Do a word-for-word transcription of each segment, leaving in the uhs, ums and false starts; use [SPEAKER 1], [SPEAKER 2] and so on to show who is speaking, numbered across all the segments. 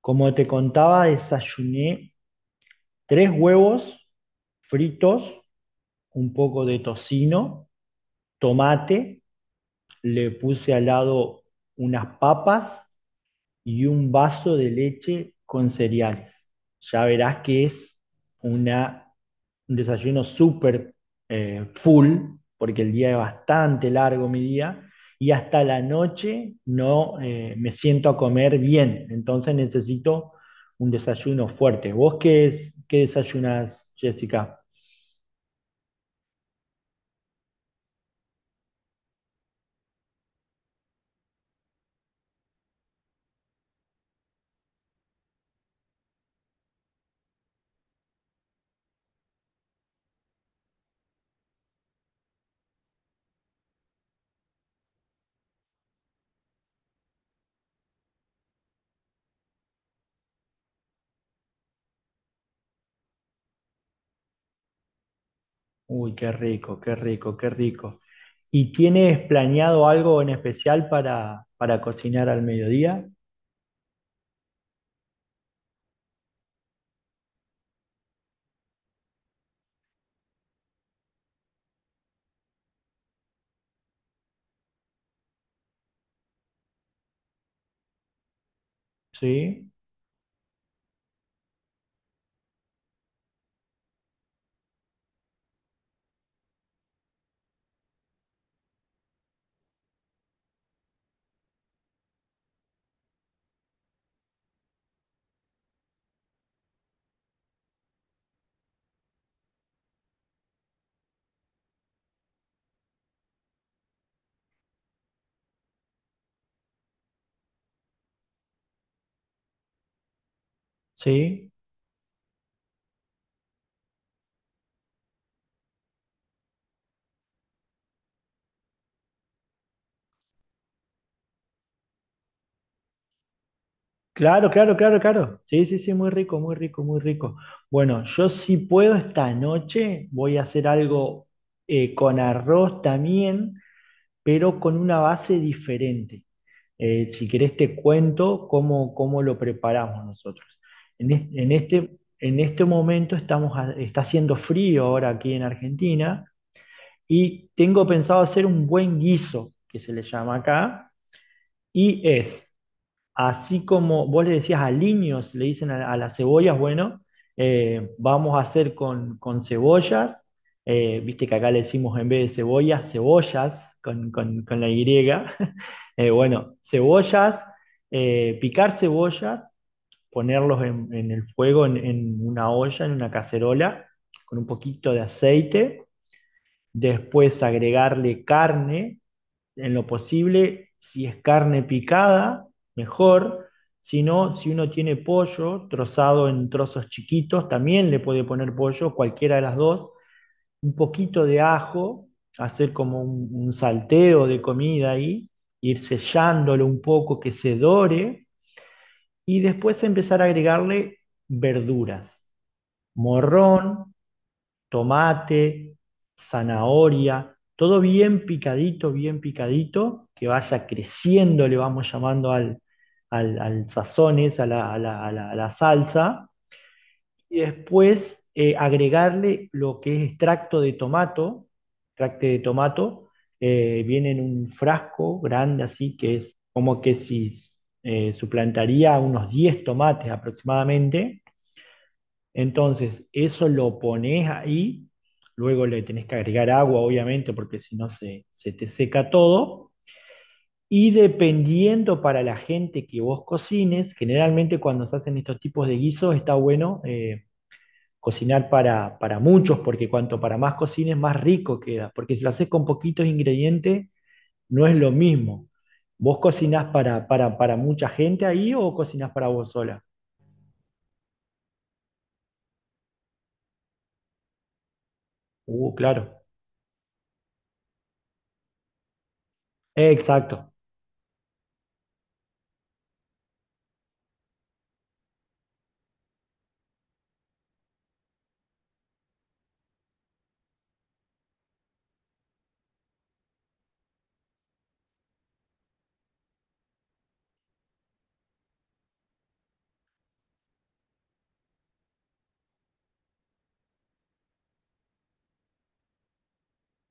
[SPEAKER 1] Como te contaba, desayuné tres huevos fritos, un poco de tocino, tomate, le puse al lado unas papas y un vaso de leche con cereales. Ya verás que es una un desayuno súper eh, full, porque el día es bastante largo mi día, y hasta la noche no eh, me siento a comer bien, entonces necesito un desayuno fuerte. ¿Vos qué, es, qué desayunas, Jessica? Uy, qué rico, qué rico, qué rico. ¿Y tienes planeado algo en especial para, para cocinar al mediodía? Sí, sí. Claro, claro, claro, claro. Sí, sí, sí, muy rico, muy rico, muy rico. Bueno, yo si puedo esta noche voy a hacer algo eh, con arroz también, pero con una base diferente. Eh, si querés te cuento cómo, cómo lo preparamos nosotros. En, es- en este, en este momento estamos, ha- está haciendo frío ahora aquí en Argentina, y tengo pensado hacer un buen guiso, que se le llama acá, y es. Así como vos le decías a aliños, le dicen a, a las cebollas. Bueno, eh, vamos a hacer con, con cebollas. Eh, viste que acá le decimos, en vez de cebollas, cebollas con, con- con la Y. Eh, bueno, cebollas. Eh, Picar cebollas, ponerlos en, en el fuego, en, en una olla, en una cacerola, con un poquito de aceite, después agregarle carne, en lo posible, si es carne picada, mejor. Si no, si uno tiene pollo trozado en trozos chiquitos, también le puede poner pollo, cualquiera de las dos. Un poquito de ajo, hacer como un, un salteo de comida ahí, ir sellándolo un poco que se dore, y después empezar a agregarle verduras. Morrón, tomate, zanahoria, todo bien picadito, bien picadito, que vaya creciendo, le vamos llamando al, al, al sazón a la, a la- a la- a la salsa, y después eh, agregarle lo que es extracto de tomato. extracto de tomato, eh, viene en un frasco grande así, que es como que si eh, suplantaría unos diez tomates aproximadamente. Entonces, eso lo pones ahí, luego le tenés que agregar agua, obviamente, porque si no se, se te seca todo. Y dependiendo para la gente que vos cocines, generalmente cuando se hacen estos tipos de guisos está bueno eh, cocinar para, para muchos, porque cuanto para más cocines, más rico queda. Porque si lo haces con poquitos ingredientes, no es lo mismo. ¿Vos cocinás para, para, para mucha gente ahí o cocinás para vos sola? Uh, claro. Exacto.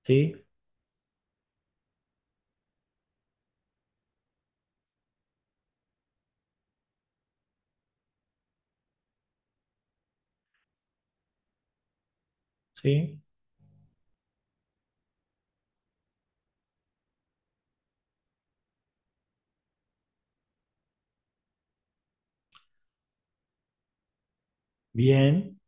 [SPEAKER 1] Sí, sí. Bien,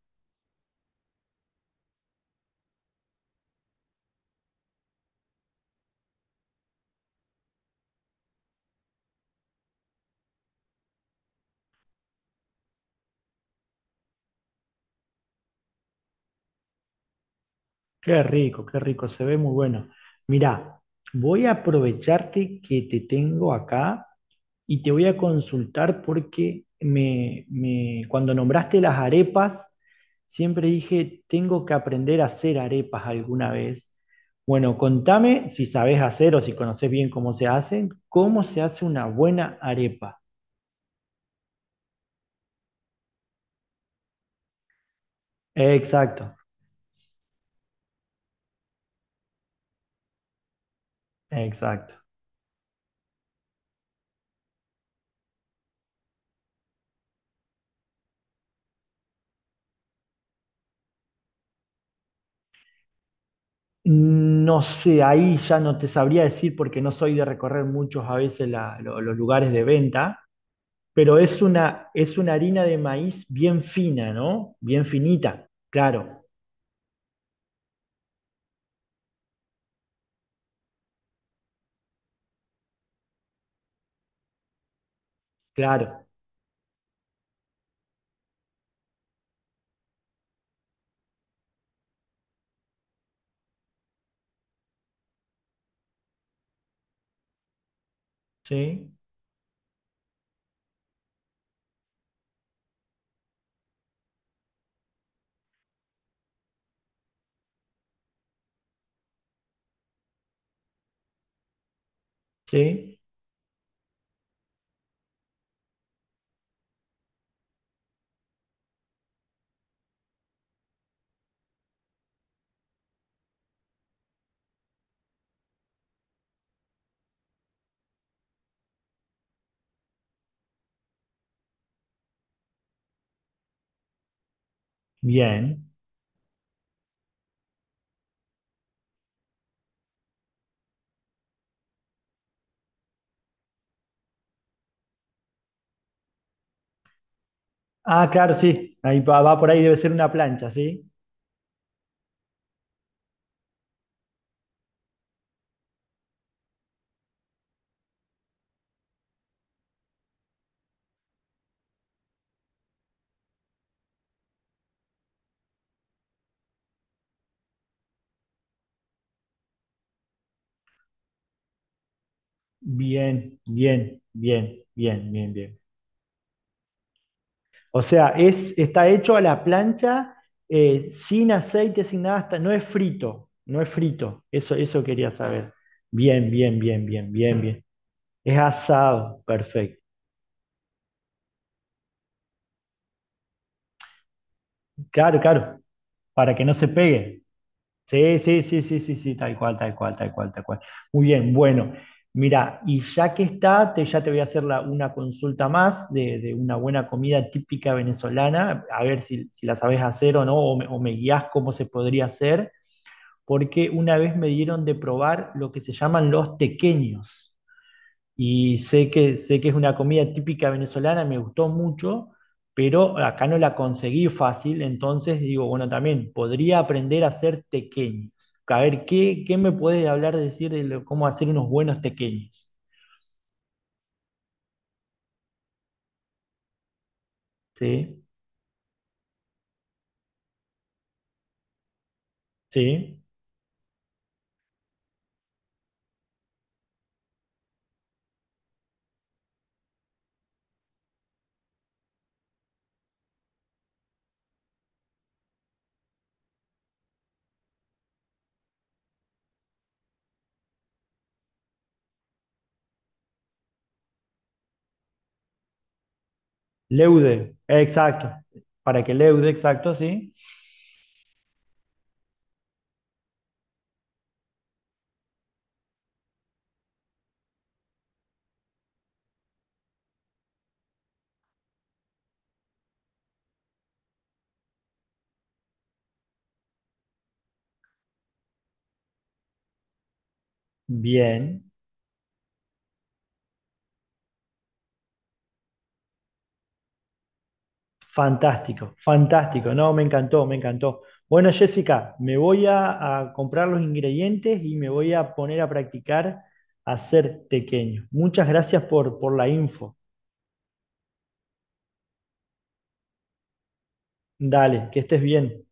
[SPEAKER 1] qué rico, qué rico, se ve muy bueno. Mirá, voy a aprovecharte que te tengo acá y te voy a consultar porque me, me- cuando nombraste las arepas, siempre dije, tengo que aprender a hacer arepas alguna vez. Bueno, contame si sabes hacer o si conoces bien cómo se hacen, cómo se hace una buena arepa. Exacto, exacto. No sé, ahí ya no te sabría decir porque no soy de recorrer muchos a veces la- lo- los lugares de venta, pero es una, es una harina de maíz bien fina, ¿no? Bien finita, claro, claro, sí, sí, bien. Ah, claro, sí, ahí va, va por ahí, debe ser una plancha, ¿sí? Bien, bien, bien, bien, bien, bien. O sea, es, está hecho a la plancha, eh, sin aceite, sin nada, hasta- no es frito, no es frito. Eso, eso quería saber. Bien, bien, bien, bien, bien, bien. Es asado, perfecto. Claro, claro, para que no se pegue. Sí, sí, sí, sí, sí, sí, tal cual, tal cual, tal cual, tal cual. Muy bien, bueno. Mira, y ya que está, te, ya te voy a hacer la- una consulta más de, de una buena comida típica venezolana, a ver si, si la sabes hacer o no, o me, o me guías cómo se podría hacer, porque una vez me dieron de probar lo que se llaman los tequeños. Y sé que, sé que es una comida típica venezolana, me gustó mucho, pero acá no la conseguí fácil, entonces digo, bueno, también podría aprender a hacer tequeños. A ver, ¿qué, qué me puedes hablar, decir de lo- cómo hacer unos buenos tequeños. Sí, sí. Leude, exacto. Para que leude, exacto, sí. Bien. Fantástico, fantástico. No, me encantó, me encantó. Bueno, Jessica, me voy a, a comprar los ingredientes y me voy a poner a practicar a hacer tequeño. Muchas gracias por, por la info. Dale, que estés bien.